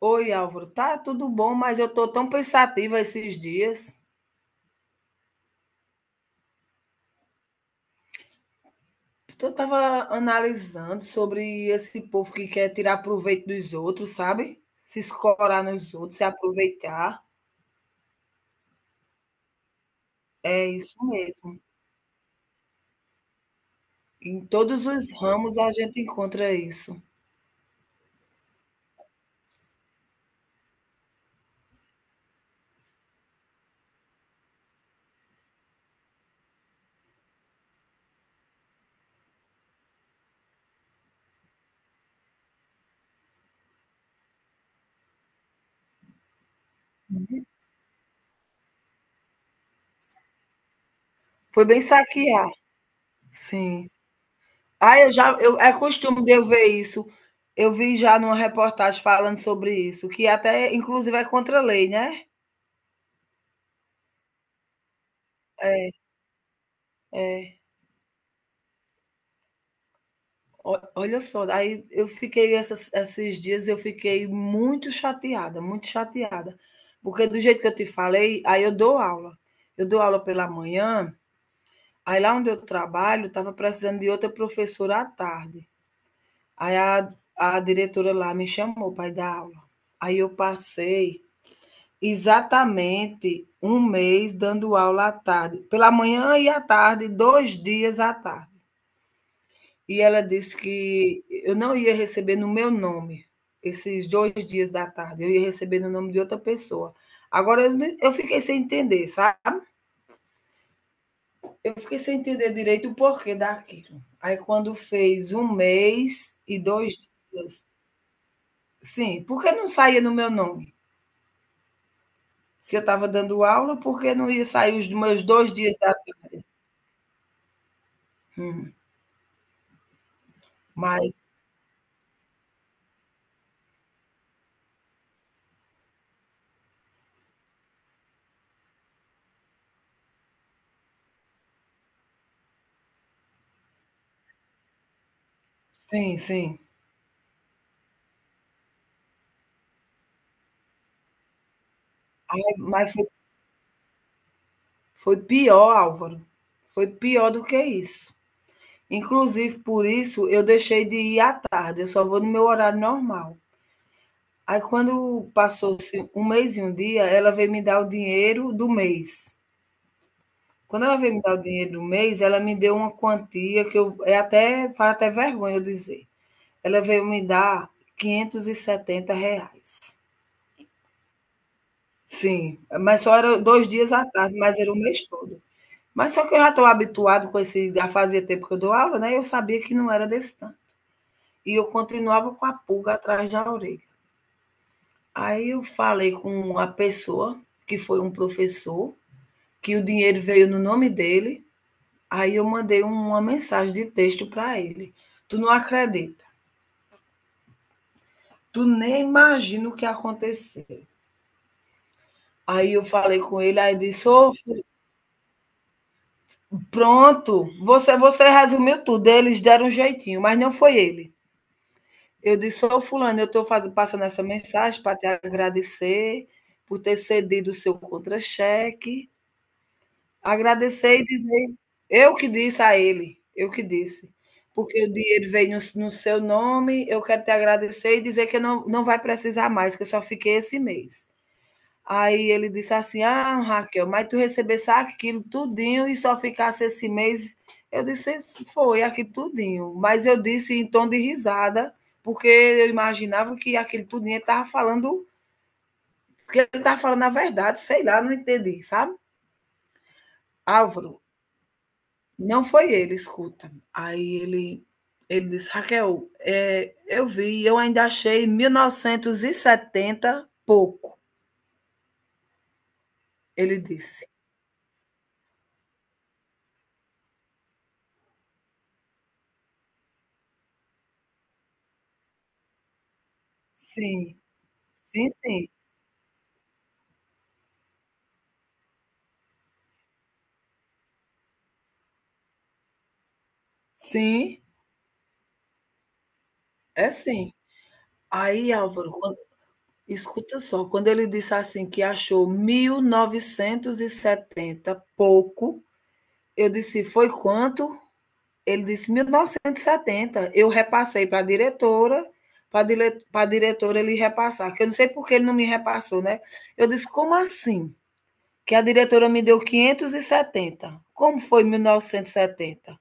Oi, Álvaro, tá tudo bom, mas eu tô tão pensativa esses dias. Eu tava analisando sobre esse povo que quer tirar proveito dos outros, sabe? Se escorar nos outros, se aproveitar. É isso mesmo. Em todos os ramos a gente encontra isso. Foi bem saquear, sim. Ah, é costume de eu ver isso. Eu vi já numa reportagem falando sobre isso, que até inclusive é contra a lei, né? É, é. O olha só, aí eu fiquei essas esses dias eu fiquei muito chateada, porque do jeito que eu te falei, aí eu dou aula. Eu dou aula pela manhã, aí lá onde eu trabalho estava precisando de outra professora à tarde. Aí a diretora lá me chamou para ir dar aula. Aí eu passei exatamente um mês dando aula à tarde, pela manhã e à tarde, 2 dias à tarde. E ela disse que eu não ia receber no meu nome esses 2 dias da tarde, eu ia receber no nome de outra pessoa. Agora eu fiquei sem entender, sabe? Eu fiquei sem entender direito o porquê daquilo. Aí quando fez um mês e dois dias, sim, por que não saía no meu nome? Se eu estava dando aula, por que não ia sair os meus 2 dias da hum, mas sim, sim. Mas foi pior, Álvaro, foi pior do que isso. Inclusive, por isso, eu deixei de ir à tarde, eu só vou no meu horário normal. Aí, quando passou assim, um mês e um dia, ela veio me dar o dinheiro do mês. Quando ela veio me dar o dinheiro do mês, ela me deu uma quantia que faz até vergonha eu dizer. Ela veio me dar R$ 570. Sim, mas só era 2 dias à tarde, mas era o mês todo. Mas só que eu já estou habituado com esse, já fazia tempo que eu dou aula, né? Eu sabia que não era desse tanto. E eu continuava com a pulga atrás da orelha. Aí eu falei com uma pessoa, que foi um professor, que o dinheiro veio no nome dele. Aí eu mandei uma mensagem de texto para ele. Tu não acredita. Tu nem imagina o que aconteceu. Aí eu falei com ele, aí disse: Ô, pronto, você resumiu tudo. Eles deram um jeitinho, mas não foi ele. Eu disse: Ô, Fulano, eu estou passando essa mensagem para te agradecer por ter cedido o seu contra-cheque. Agradecer e dizer, eu que disse a ele, eu que disse. Porque o dinheiro veio no seu nome, eu quero te agradecer e dizer que não, não vai precisar mais, que eu só fiquei esse mês. Aí ele disse assim: Ah, Raquel, mas tu recebesse aquilo tudinho e só ficasse esse mês. Eu disse: Foi, aqui tudinho. Mas eu disse em tom de risada, porque eu imaginava que aquele tudinho estava falando, que ele estava falando a verdade, sei lá, não entendi, sabe? Álvaro, não foi ele, escuta. Aí ele disse: "Raquel, eu vi, eu ainda achei 1.970 pouco", ele disse. Sim, sim, sim. Sim, é sim. Aí, Álvaro, quando escuta só, quando ele disse assim que achou 1.970 pouco, eu disse: "Foi quanto?" Ele disse 1.970. Eu repassei para a diretora ele repassar, que eu não sei por que ele não me repassou, né? Eu disse, como assim? Que a diretora me deu 570. Como foi 1.970?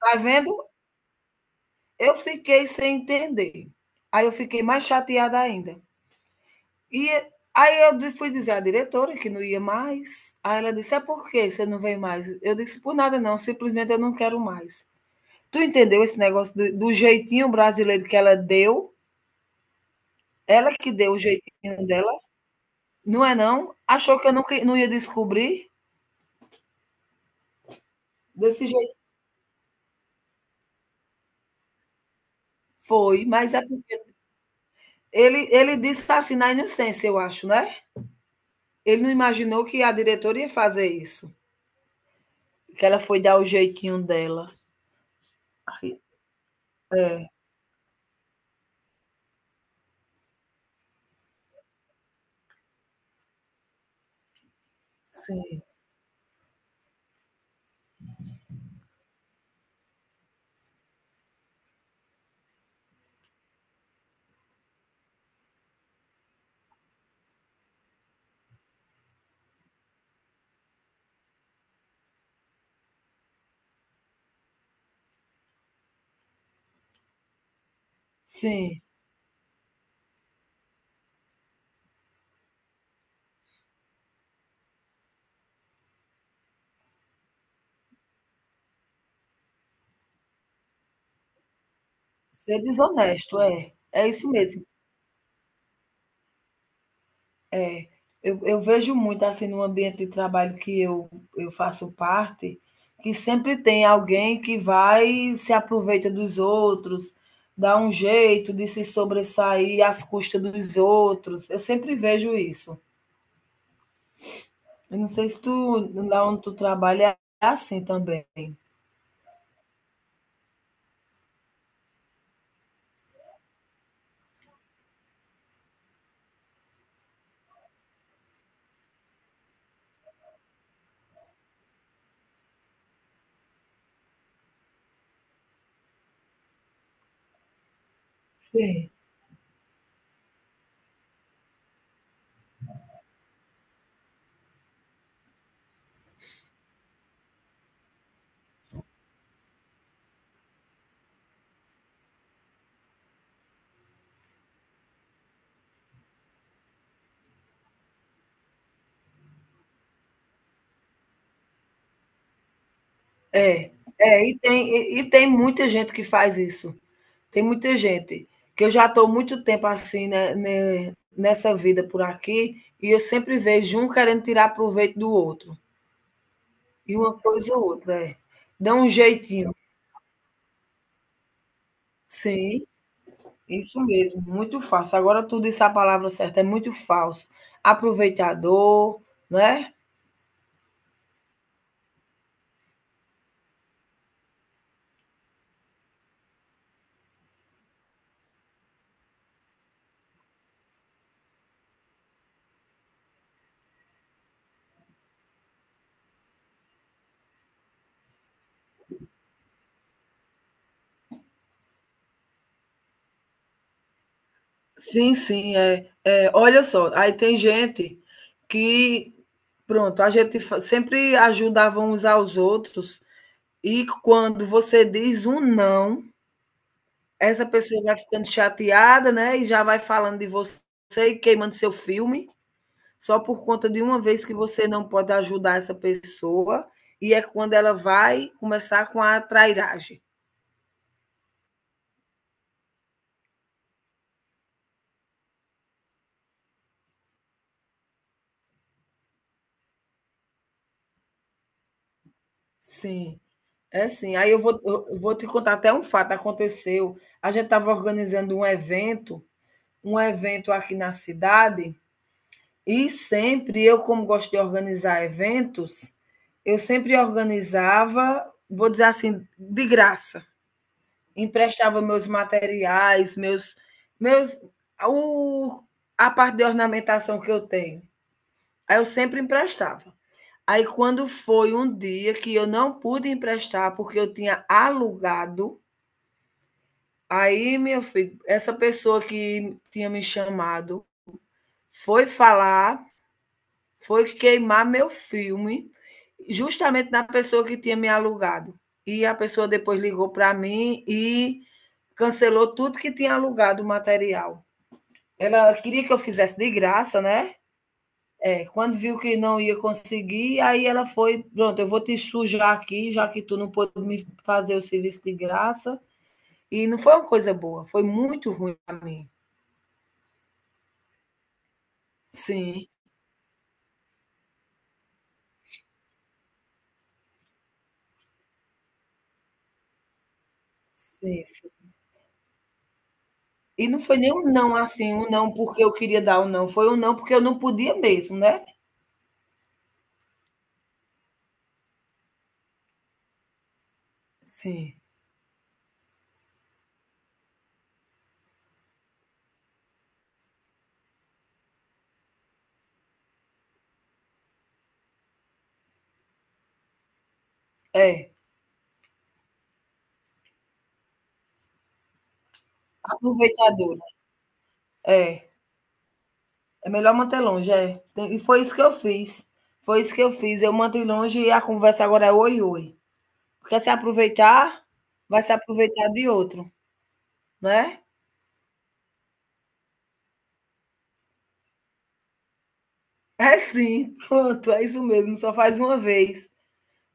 Tá vendo? Eu fiquei sem entender. Aí eu fiquei mais chateada ainda. E aí eu fui dizer à diretora que não ia mais. Aí ela disse: É por que você não vem mais? Eu disse: Por nada não, simplesmente eu não quero mais. Tu entendeu esse negócio do jeitinho brasileiro que ela deu? Ela que deu o jeitinho dela, não é não? Achou que eu nunca, não ia descobrir? Desse jeito foi, mas é porque ele disse assim na inocência, eu acho, né? Ele não imaginou que a diretora ia fazer isso. Que ela foi dar o jeitinho dela. É, sim, sim. Ser desonesto, é. É isso mesmo. É, eu vejo muito assim no ambiente de trabalho que eu faço parte, que sempre tem alguém que vai e se aproveita dos outros, dá um jeito de se sobressair às custas dos outros. Eu sempre vejo isso. Eu não sei se tu, lá onde tu trabalha, é assim também. Sim. É, é, e tem muita gente que faz isso. Tem muita gente, que eu já estou muito tempo assim, né, nessa vida por aqui, e eu sempre vejo um querendo tirar proveito do outro, e uma coisa ou outra, é. Dá um jeitinho. Sim, isso mesmo, muito fácil. Agora tu disse a palavra certa, é muito falso. Aproveitador, né? Sim, sim, é. É, olha só, aí tem gente que, pronto, a gente fa sempre ajudava uns aos outros, e quando você diz um "não", essa pessoa vai ficando chateada, né, e já vai falando de você e queimando seu filme, só por conta de uma vez que você não pode ajudar essa pessoa, e é quando ela vai começar com a trairagem. Sim. É sim. Aí eu vou te contar até um fato, aconteceu. A gente estava organizando um evento aqui na cidade, e sempre eu, como gosto de organizar eventos, eu sempre organizava, vou dizer assim, de graça. Emprestava meus materiais, meus o, a parte de ornamentação que eu tenho. Aí eu sempre emprestava. Aí quando foi um dia que eu não pude emprestar porque eu tinha alugado, aí meu filho, essa pessoa que tinha me chamado foi falar foi queimar meu filme, justamente na pessoa que tinha me alugado. E a pessoa depois ligou para mim e cancelou tudo que tinha alugado o material. Ela queria que eu fizesse de graça, né? É, quando viu que não ia conseguir, aí ela foi, pronto, eu vou te sujar aqui, já que tu não pôde me fazer o serviço de graça. E não foi uma coisa boa, foi muito ruim para mim. Sim, sim. E não foi nem um não, assim, um não porque eu queria dar um não, foi um não porque eu não podia mesmo, né. Sim, é, aproveitadora. É, é melhor manter longe, é. E foi isso que eu fiz, foi isso que eu fiz, eu mantive longe e a conversa agora é "oi, oi". Quer se aproveitar, vai se aproveitar de outro, né. É sim, pronto, é isso mesmo, só faz uma vez.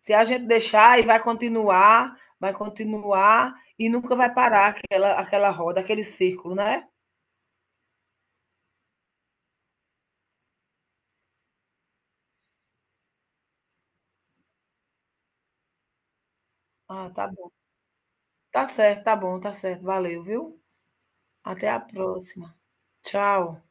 Se a gente deixar e vai continuar e nunca vai parar aquela roda, aquele círculo, né. Ah, tá. Tá certo, tá bom, tá certo. Valeu, viu? Até a próxima. Tchau.